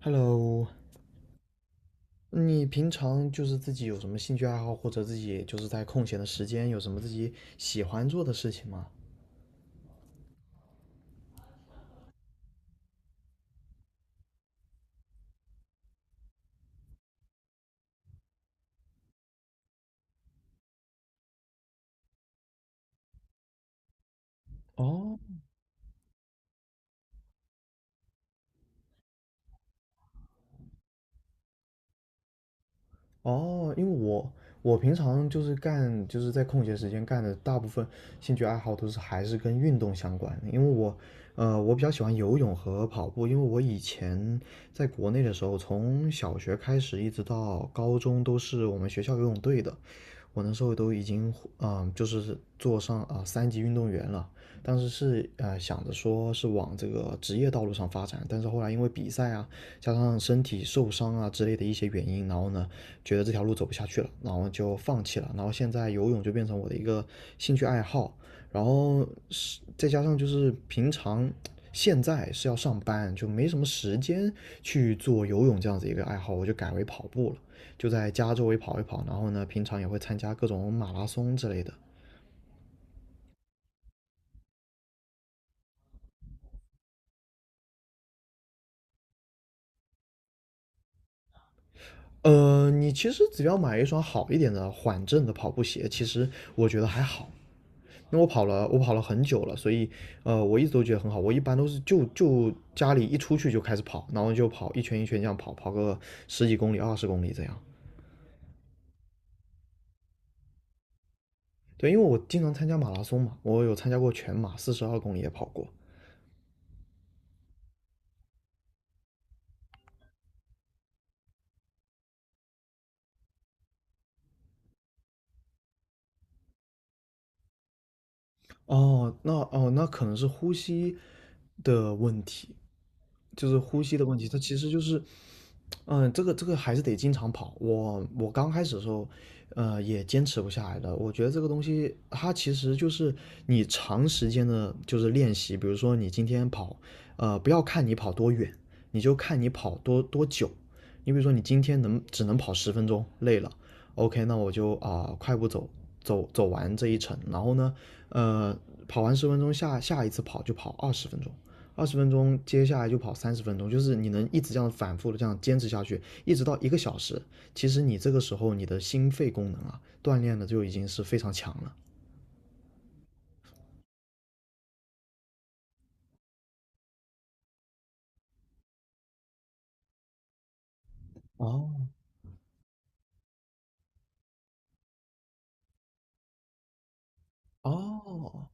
Hello，你平常就是自己有什么兴趣爱好，或者自己就是在空闲的时间有什么自己喜欢做的事情吗？哦，哦，因为我平常就是干，就是在空闲时间干的大部分兴趣爱好都是还是跟运动相关的，因为我比较喜欢游泳和跑步，因为我以前在国内的时候，从小学开始一直到高中都是我们学校游泳队的，我那时候都已经，就是做上三级运动员了，当时是想着说是往这个职业道路上发展，但是后来因为比赛啊，加上身体受伤啊之类的一些原因，然后呢。觉得这条路走不下去了，然后就放弃了。然后现在游泳就变成我的一个兴趣爱好，然后是再加上就是平常现在是要上班，就没什么时间去做游泳这样子一个爱好，我就改为跑步了，就在家周围跑一跑。然后呢，平常也会参加各种马拉松之类的。你其实只要买一双好一点的缓震的跑步鞋，其实我觉得还好。因为我跑了很久了，所以我一直都觉得很好。我一般都是就家里一出去就开始跑，然后就跑一圈一圈这样跑，跑个十几公里、20公里这样。对，因为我经常参加马拉松嘛，我有参加过全马，42公里也跑过。哦，那哦，那可能是呼吸的问题，就是呼吸的问题。它其实就是这个还是得经常跑。我刚开始的时候，也坚持不下来的。我觉得这个东西，它其实就是你长时间的，就是练习。比如说你今天跑，不要看你跑多远，你就看你跑多久。你比如说你今天只能跑十分钟，累了，OK，那我就快步走走完这一程。然后呢，呃，跑完十分钟下一次跑就跑二十分钟。二十分钟，接下来就跑30分钟，就是你能一直这样反复的这样坚持下去，一直到一个小时。其实你这个时候你的心肺功能啊，锻炼的就已经是非常强了。哦哦，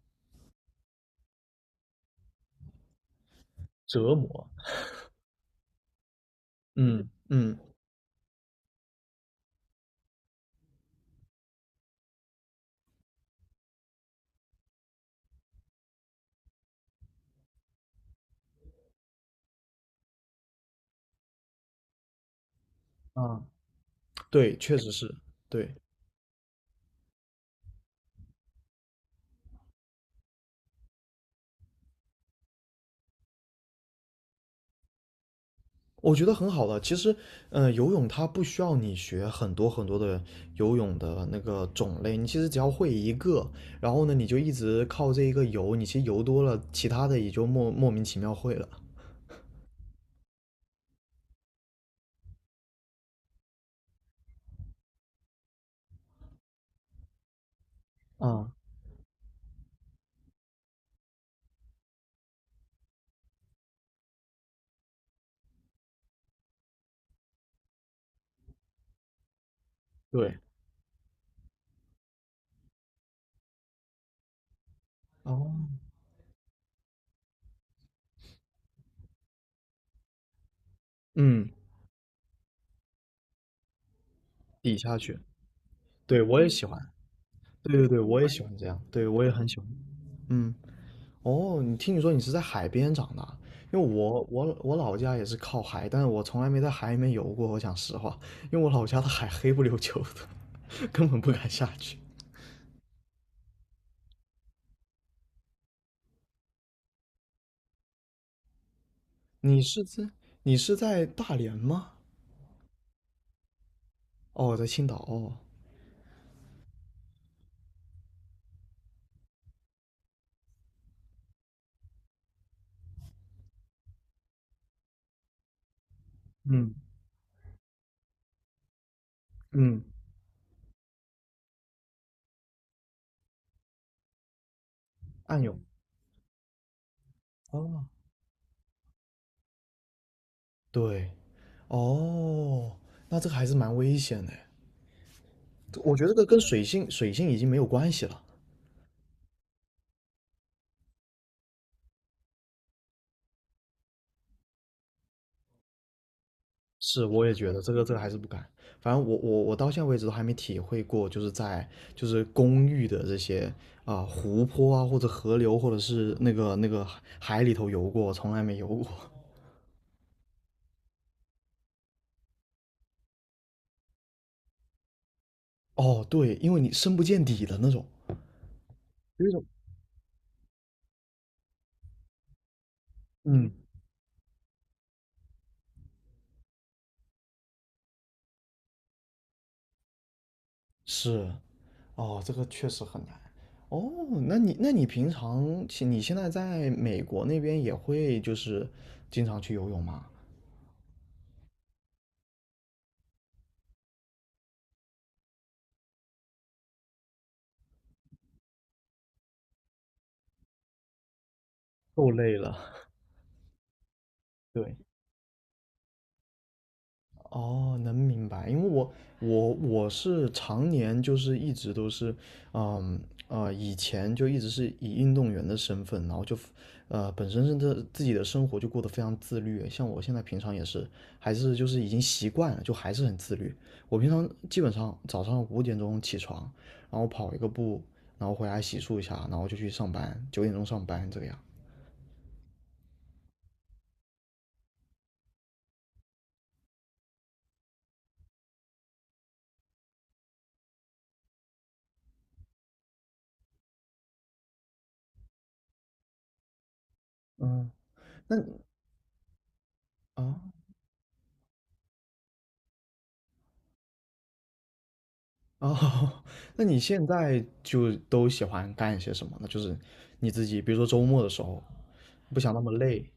折磨，嗯嗯，啊，对，确实是，对，我觉得很好的。其实，游泳它不需要你学很多很多的游泳的那个种类，你其实只要会一个，然后呢，你就一直靠这一个游，你其实游多了，其他的也就莫名其妙会了。对，哦，嗯，底下去，对我也喜欢，对对对，我也喜欢这样，对我也很喜欢，嗯，哦，你说你是在海边长大，因为我老家也是靠海，但是我从来没在海里面游过，我讲实话，因为我老家的海黑不溜秋的，根本不敢下去。你是在你是在大连吗？哦，在青岛哦，嗯嗯，暗涌哦，对，哦，那这个还是蛮危险的。我觉得这个跟水性已经没有关系了。是，我也觉得这个还是不敢。反正我到现在为止都还没体会过，就是公寓的这些湖泊啊或者河流或者是那个海里头游过，我从来没游过。哦，对，因为你深不见底的那种，有一种嗯是哦，这个确实很难。哦，那你那你平常其你现在在美国那边也会就是经常去游泳吗？够累了，对。哦，能明白，因为我是常年就是一直都是，嗯以前就一直是以运动员的身份，然后就本身是这自己的生活就过得非常自律，像我现在平常也是，还是就是已经习惯了，就还是很自律。我平常基本上早上5点钟起床，然后跑一个步，然后回来洗漱一下，然后就去上班，9点钟上班这个样。嗯，那啊。哦，那你现在就都喜欢干些什么呢？就是你自己，比如说周末的时候，不想那么累，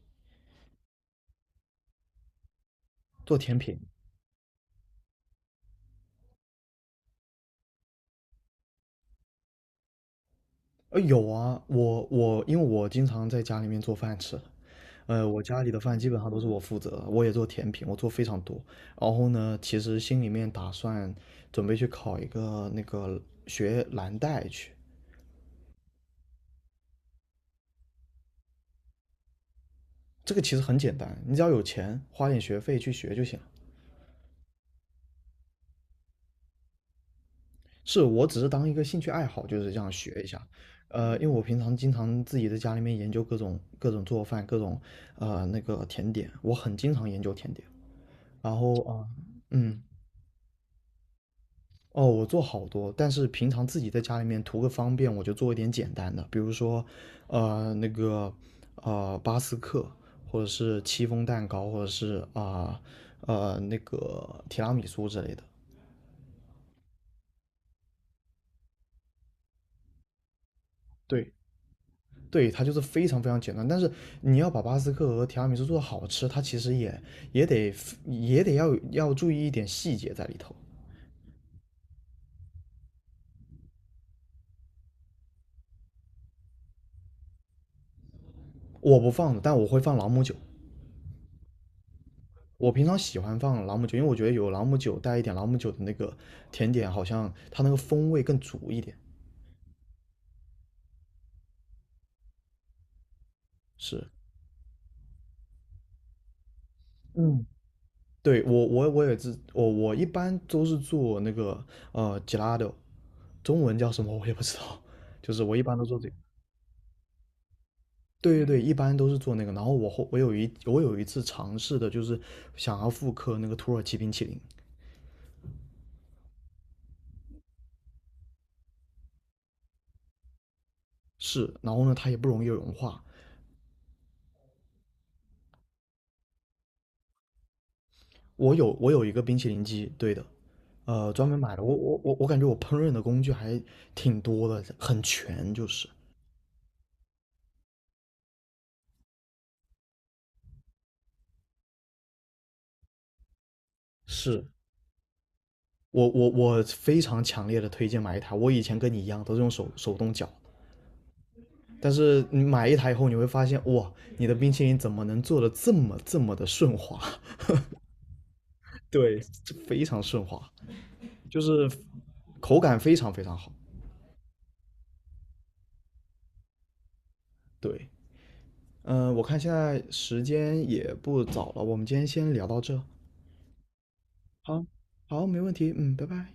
做甜品。有啊，我因为我经常在家里面做饭吃，我家里的饭基本上都是我负责的。我也做甜品，我做非常多。然后呢，其实心里面打算准备去考一个那个学蓝带去，这个其实很简单，你只要有钱，花点学费去学就行。是，我只是当一个兴趣爱好，就是这样学一下。因为我平常经常自己在家里面研究各种做饭，各种那个甜点，我很经常研究甜点。然后嗯，哦，我做好多，但是平常自己在家里面图个方便，我就做一点简单的，比如说那个巴斯克，或者是戚风蛋糕，或者是那个提拉米苏之类的。对，对，它就是非常非常简单，但是你要把巴斯克和提拉米苏做的好吃，它其实也得也得要注意一点细节在里头。我不放的，但我会放朗姆酒。我平常喜欢放朗姆酒，因为我觉得有朗姆酒带一点朗姆酒的那个甜点，好像它那个风味更足一点。嗯，对我也是，我一般都是做那个gelato，中文叫什么我也不知道，就是我一般都做这个。对对对，一般都是做那个。然后我有一次尝试的，就是想要复刻那个土耳其冰淇淋，是，然后呢，它也不容易融化。我有一个冰淇淋机，对的，专门买的。我感觉我烹饪的工具还挺多的，很全，就是。我非常强烈的推荐买一台。我以前跟你一样都是用手动搅，但是你买一台以后，你会发现哇，你的冰淇淋怎么能做的这么的顺滑？对，非常顺滑。就是口感非常非常好。对，我看现在时间也不早了，我们今天先聊到这。好，好，没问题。嗯，拜拜。